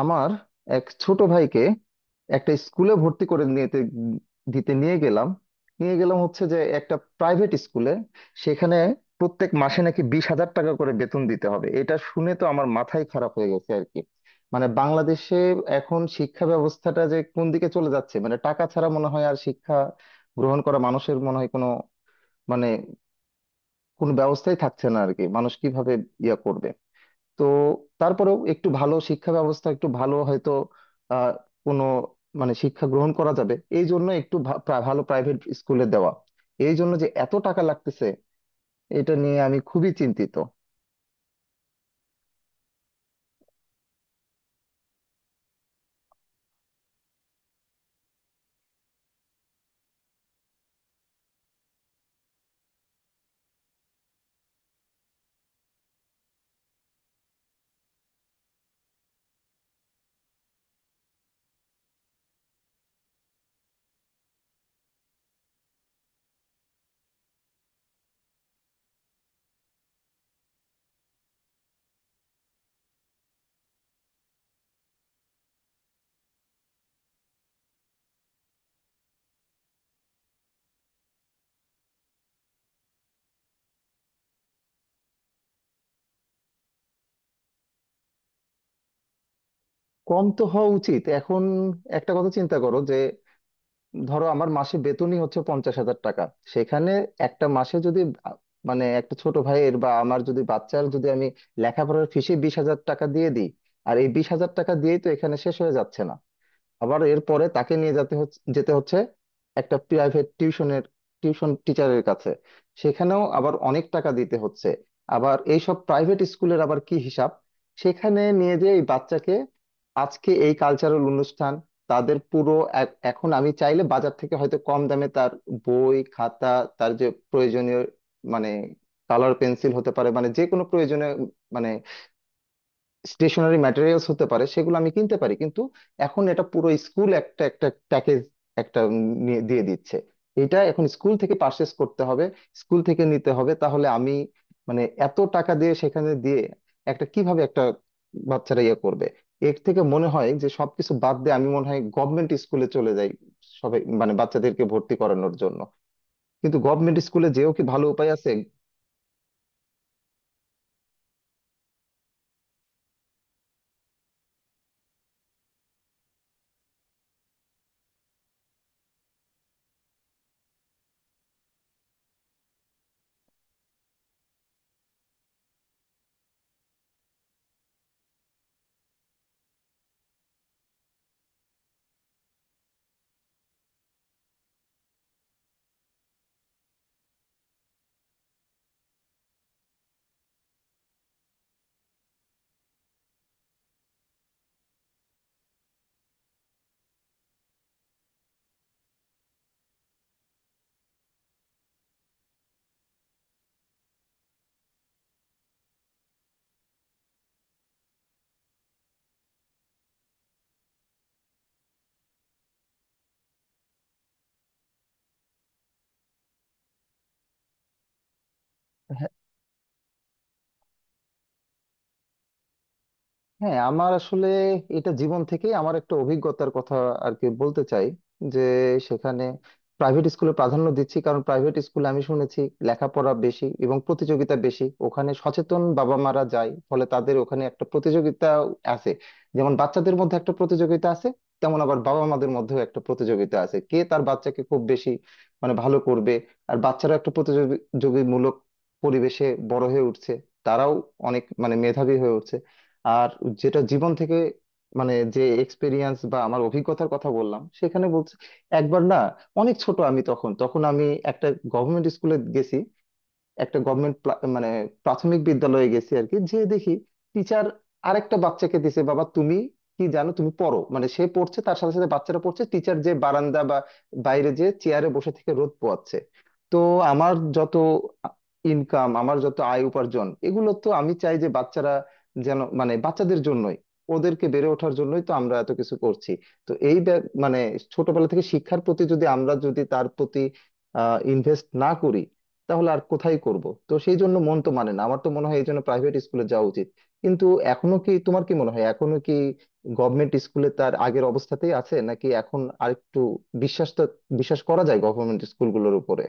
আমার এক ছোট ভাইকে একটা স্কুলে ভর্তি করে দিতে নিয়ে গেলাম। হচ্ছে যে একটা প্রাইভেট স্কুলে সেখানে প্রত্যেক মাসে নাকি 20,000 টাকা করে বেতন দিতে হবে। এটা শুনে তো আমার মাথাই খারাপ হয়ে গেছে আর কি। মানে, বাংলাদেশে এখন শিক্ষা ব্যবস্থাটা যে কোন দিকে চলে যাচ্ছে, মানে টাকা ছাড়া মনে হয় আর শিক্ষা গ্রহণ করা মানুষের মনে হয় কোনো, মানে, ব্যবস্থাই থাকছে না আর কি। মানুষ কিভাবে ইয়া করবে। তো তারপরেও একটু ভালো শিক্ষা ব্যবস্থা একটু ভালো হয়তো আহ কোনো, মানে, শিক্ষা গ্রহণ করা যাবে, এই জন্য একটু ভালো প্রাইভেট স্কুলে দেওয়া, এই জন্য যে এত টাকা লাগতেছে, এটা নিয়ে আমি খুবই চিন্তিত। কম তো হওয়া উচিত। এখন একটা কথা চিন্তা করো যে ধরো আমার মাসে বেতনই হচ্ছে 50,000 টাকা। সেখানে একটা মাসে যদি আ- মানে একটা ছোট ভাইয়ের বা আমার যদি বাচ্চার যদি আমি লেখাপড়ার ফিসে 20,000 টাকা দিয়ে দিই, আর এই 20,000 টাকা দিয়েই তো এখানে শেষ হয়ে যাচ্ছে না। আবার এরপরে তাকে নিয়ে যেতে হচ্ছে একটা প্রাইভেট টিউশনের, টিউশন টিচারের কাছে। সেখানেও আবার অনেক টাকা দিতে হচ্ছে। আবার এইসব প্রাইভেট স্কুলের আবার কি হিসাব, সেখানে নিয়ে যে এই বাচ্চাকে আজকে এই কালচারাল অনুষ্ঠান তাদের পুরো এখন আমি চাইলে বাজার থেকে হয়তো কম দামে তার বই খাতা, তার যে প্রয়োজনীয়, মানে কালার পেন্সিল হতে পারে, মানে যে কোনো প্রয়োজনীয়, মানে স্টেশনারি ম্যাটেরিয়ালস হতে পারে, সেগুলো আমি কিনতে পারি। কিন্তু এখন এটা পুরো স্কুল একটা একটা প্যাকেজ, একটা নিয়ে দিয়ে দিচ্ছে। এটা এখন স্কুল থেকে পারচেস করতে হবে, স্কুল থেকে নিতে হবে। তাহলে আমি, মানে, এত টাকা দিয়ে সেখানে দিয়ে একটা কিভাবে একটা বাচ্চারা ইয়ে করবে। এর থেকে মনে হয় যে সবকিছু বাদ দিয়ে আমি মনে হয় গভর্নমেন্ট স্কুলে চলে যাই সবাই, মানে বাচ্চাদেরকে ভর্তি করানোর জন্য। কিন্তু গভর্নমেন্ট স্কুলে যেও কি ভালো উপায় আছে? হ্যাঁ, আমার আসলে এটা জীবন থেকে আমার একটা অভিজ্ঞতার কথা আর কি বলতে চাই, যে সেখানে প্রাইভেট স্কুলে প্রাধান্য দিচ্ছি কারণ প্রাইভেট স্কুলে আমি শুনেছি লেখাপড়া বেশি এবং প্রতিযোগিতা বেশি। ওখানে সচেতন বাবা মারা যায়, ফলে তাদের ওখানে একটা প্রতিযোগিতা আছে। যেমন বাচ্চাদের মধ্যে একটা প্রতিযোগিতা আছে তেমন আবার বাবা মাদের মধ্যেও একটা প্রতিযোগিতা আছে কে তার বাচ্চাকে খুব বেশি, মানে ভালো করবে। আর বাচ্চারা একটা প্রতিযোগিতামূলক পরিবেশে বড় হয়ে উঠছে, তারাও অনেক, মানে, মেধাবী হয়ে উঠছে। আর যেটা জীবন থেকে, মানে যে এক্সপিরিয়েন্স বা আমার অভিজ্ঞতার কথা বললাম সেখানে বলছি, একবার না, অনেক ছোট আমি তখন তখন আমি একটা গভর্নমেন্ট স্কুলে গেছি, একটা গভর্নমেন্ট, মানে প্রাথমিক বিদ্যালয়ে গেছি আর কি। যে দেখি টিচার আরেকটা বাচ্চাকে দিছে, বাবা তুমি কি জানো তুমি পড়ো, মানে সে পড়ছে, তার সাথে সাথে বাচ্চারা পড়ছে, টিচার যে বারান্দা বা বাইরে যে চেয়ারে বসে থেকে রোদ পোয়াচ্ছে। তো আমার যত ইনকাম, আমার যত আয় উপার্জন, এগুলো তো আমি চাই যে বাচ্চারা যেন, মানে বাচ্চাদের জন্যই, ওদেরকে বেড়ে ওঠার জন্যই তো আমরা এত কিছু করছি। তো এই মানে ছোটবেলা থেকে শিক্ষার প্রতি যদি আমরা যদি তার প্রতি ইনভেস্ট না করি তাহলে আর কোথায় করব। তো সেই জন্য মন তো মানে না, আমার তো মনে হয় এই জন্য প্রাইভেট স্কুলে যাওয়া উচিত। কিন্তু এখনো কি, তোমার কি মনে হয় এখনো কি গভর্নমেন্ট স্কুলে তার আগের অবস্থাতেই আছে নাকি এখন আরেকটু বিশ্বাসটা, বিশ্বাস করা যায় গভর্নমেন্ট স্কুলগুলোর উপরে?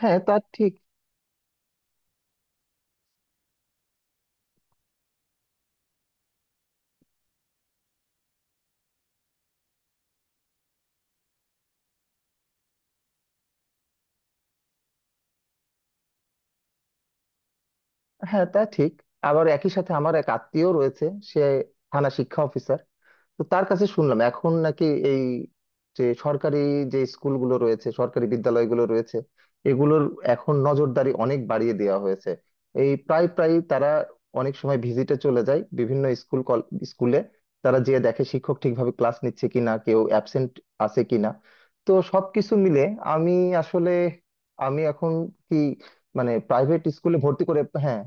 হ্যাঁ, তা ঠিক। হ্যাঁ তা ঠিক আবার একই সাথে আমার এক আত্মীয় রয়েছে, সে থানা শিক্ষা অফিসার। তো তার কাছে শুনলাম এখন নাকি এই যে সরকারি যে স্কুলগুলো রয়েছে, সরকারি বিদ্যালয়গুলো রয়েছে, এগুলোর এখন নজরদারি অনেক বাড়িয়ে দেওয়া হয়েছে। এই প্রায় প্রায় তারা অনেক সময় ভিজিটে চলে যায় বিভিন্ন স্কুল স্কুলে। তারা যেয়ে দেখে শিক্ষক ঠিকভাবে ক্লাস নিচ্ছে কিনা, কেউ অ্যাবসেন্ট আছে কিনা। তো সবকিছু মিলে আমি আসলে আমি এখন কি, মানে প্রাইভেট স্কুলে ভর্তি করে। হ্যাঁ,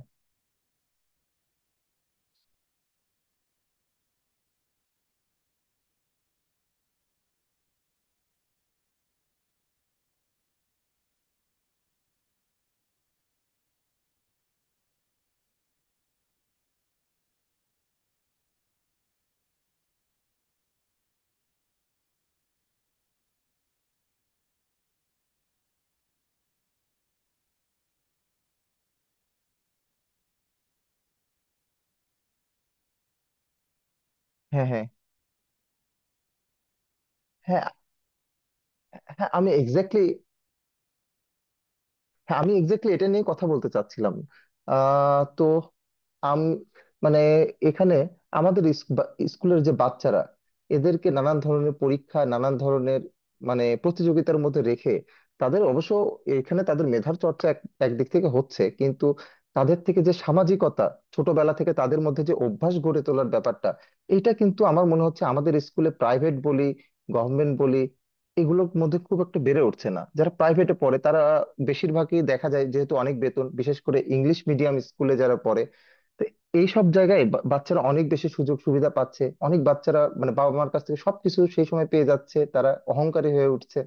হ্যাঁ, হ্যাঁ, হ্যাঁ। হ্যাঁ আমি এক্স্যাক্টলি হ্যাঁ, আমি এক্স্যাক্টলি এটা নিয়ে কথা বলতে চাচ্ছিলাম। তো আম মানে এখানে আমাদের স্কুলের যে বাচ্চারা, এদেরকে নানান ধরনের পরীক্ষা নানান ধরনের, মানে প্রতিযোগিতার মধ্যে রেখে তাদের অবশ্য এখানে তাদের মেধার চর্চা একদিক থেকে হচ্ছে। কিন্তু তাদের থেকে যে সামাজিকতা, ছোটবেলা থেকে তাদের মধ্যে যে অভ্যাস গড়ে তোলার ব্যাপারটা, এটা কিন্তু আমার মনে হচ্ছে আমাদের স্কুলে প্রাইভেট বলি গভর্নমেন্ট বলি এগুলোর মধ্যে খুব একটা বেড়ে উঠছে না। যারা প্রাইভেটে পড়ে তারা বেশিরভাগই দেখা যায় যেহেতু অনেক বেতন, বিশেষ করে ইংলিশ মিডিয়াম স্কুলে যারা পড়ে, তো এই সব জায়গায় বাচ্চারা অনেক বেশি সুযোগ সুবিধা পাচ্ছে, অনেক বাচ্চারা, মানে বাবা মার কাছ থেকে সবকিছু সেই সময় পেয়ে যাচ্ছে, তারা অহংকারী হয়ে উঠছে।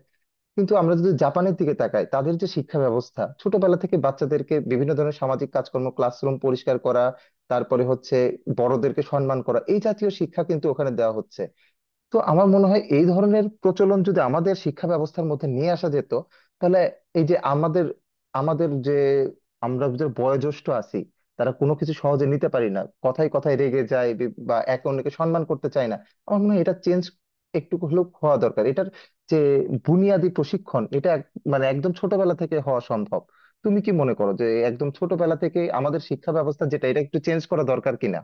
কিন্তু আমরা যদি জাপানের দিকে তাকাই, তাদের যে শিক্ষা ব্যবস্থা ছোটবেলা থেকে বাচ্চাদেরকে বিভিন্ন ধরনের সামাজিক কাজকর্ম, ক্লাসরুম পরিষ্কার করা, তারপরে হচ্ছে বড়দেরকে সম্মান করা, এই জাতীয় শিক্ষা কিন্তু ওখানে দেওয়া হচ্ছে। তো আমার মনে হয় এই ধরনের প্রচলন যদি আমাদের শিক্ষা ব্যবস্থার মধ্যে নিয়ে আসা যেত তাহলে এই যে আমাদের, আমাদের যে আমরা যে বয়োজ্যেষ্ঠ আছি, তারা কোনো কিছু সহজে নিতে পারি না, কথায় কথায় রেগে যায়, বা একে অন্যকে সম্মান করতে চায় না। আমার মনে হয় এটা চেঞ্জ একটু হলেও হওয়া দরকার। এটার যে বুনিয়াদি প্রশিক্ষণ, এটা মানে একদম ছোটবেলা থেকে হওয়া সম্ভব। তুমি কি মনে করো যে একদম ছোটবেলা থেকে আমাদের শিক্ষা ব্যবস্থা যেটা, এটা একটু চেঞ্জ করা দরকার কিনা?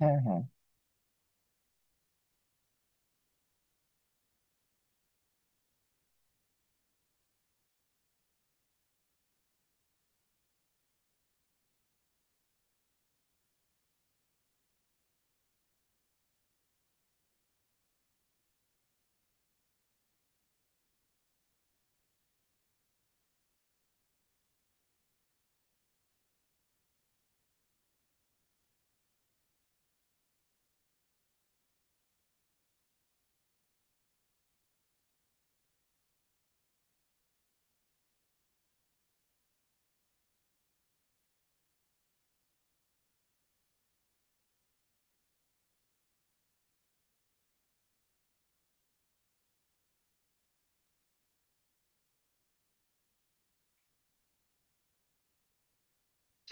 হ্যাঁ, হ্যাঁ।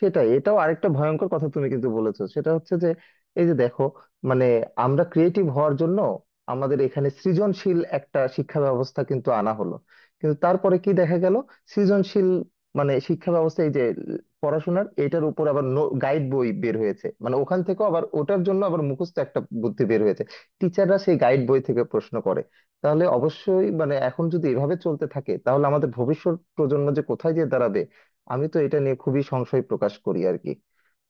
সেটাই, এটাও আরেকটা ভয়ঙ্কর কথা তুমি কিন্তু বলেছো। সেটা হচ্ছে যে এই যে দেখো, মানে আমরা ক্রিয়েটিভ হওয়ার জন্য আমাদের এখানে সৃজনশীল একটা শিক্ষা ব্যবস্থা কিন্তু আনা হলো। কিন্তু তারপরে কি দেখা গেল, সৃজনশীল, মানে শিক্ষা ব্যবস্থা, এই যে পড়াশোনার এটার উপর আবার গাইড বই বের হয়েছে, মানে ওখান থেকেও আবার ওটার জন্য আবার মুখস্থ একটা বুদ্ধি বের হয়েছে। টিচাররা সেই গাইড বই থেকে প্রশ্ন করে। তাহলে অবশ্যই, মানে এখন যদি এভাবে চলতে থাকে তাহলে আমাদের ভবিষ্যৎ প্রজন্ম যে কোথায় গিয়ে দাঁড়াবে, আমি তো এটা নিয়ে খুবই সংশয় প্রকাশ করি আর কি।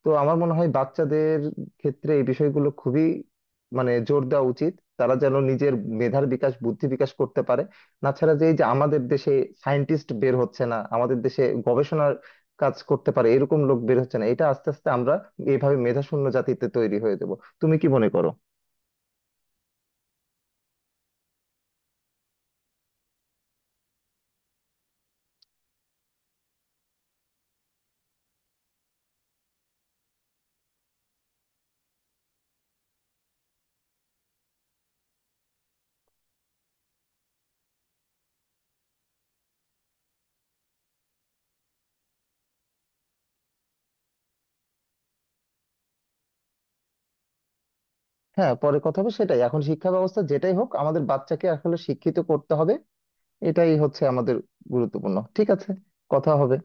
তো আমার মনে হয় বাচ্চাদের ক্ষেত্রে এই বিষয়গুলো খুবই, মানে জোর দেওয়া উচিত, তারা যেন নিজের মেধার বিকাশ বুদ্ধি বিকাশ করতে পারে। তাছাড়া যে এই যে আমাদের দেশে সায়েন্টিস্ট বের হচ্ছে না, আমাদের দেশে গবেষণার কাজ করতে পারে এরকম লোক বের হচ্ছে না, এটা আস্তে আস্তে আমরা এইভাবে মেধাশূন্য জাতিতে তৈরি হয়ে যাব। তুমি কি মনে করো? হ্যাঁ, পরে কথা হবে। সেটাই, এখন শিক্ষা ব্যবস্থা যেটাই হোক আমাদের বাচ্চাকে আসলে শিক্ষিত করতে হবে, এটাই হচ্ছে আমাদের গুরুত্বপূর্ণ। ঠিক আছে, কথা হবে।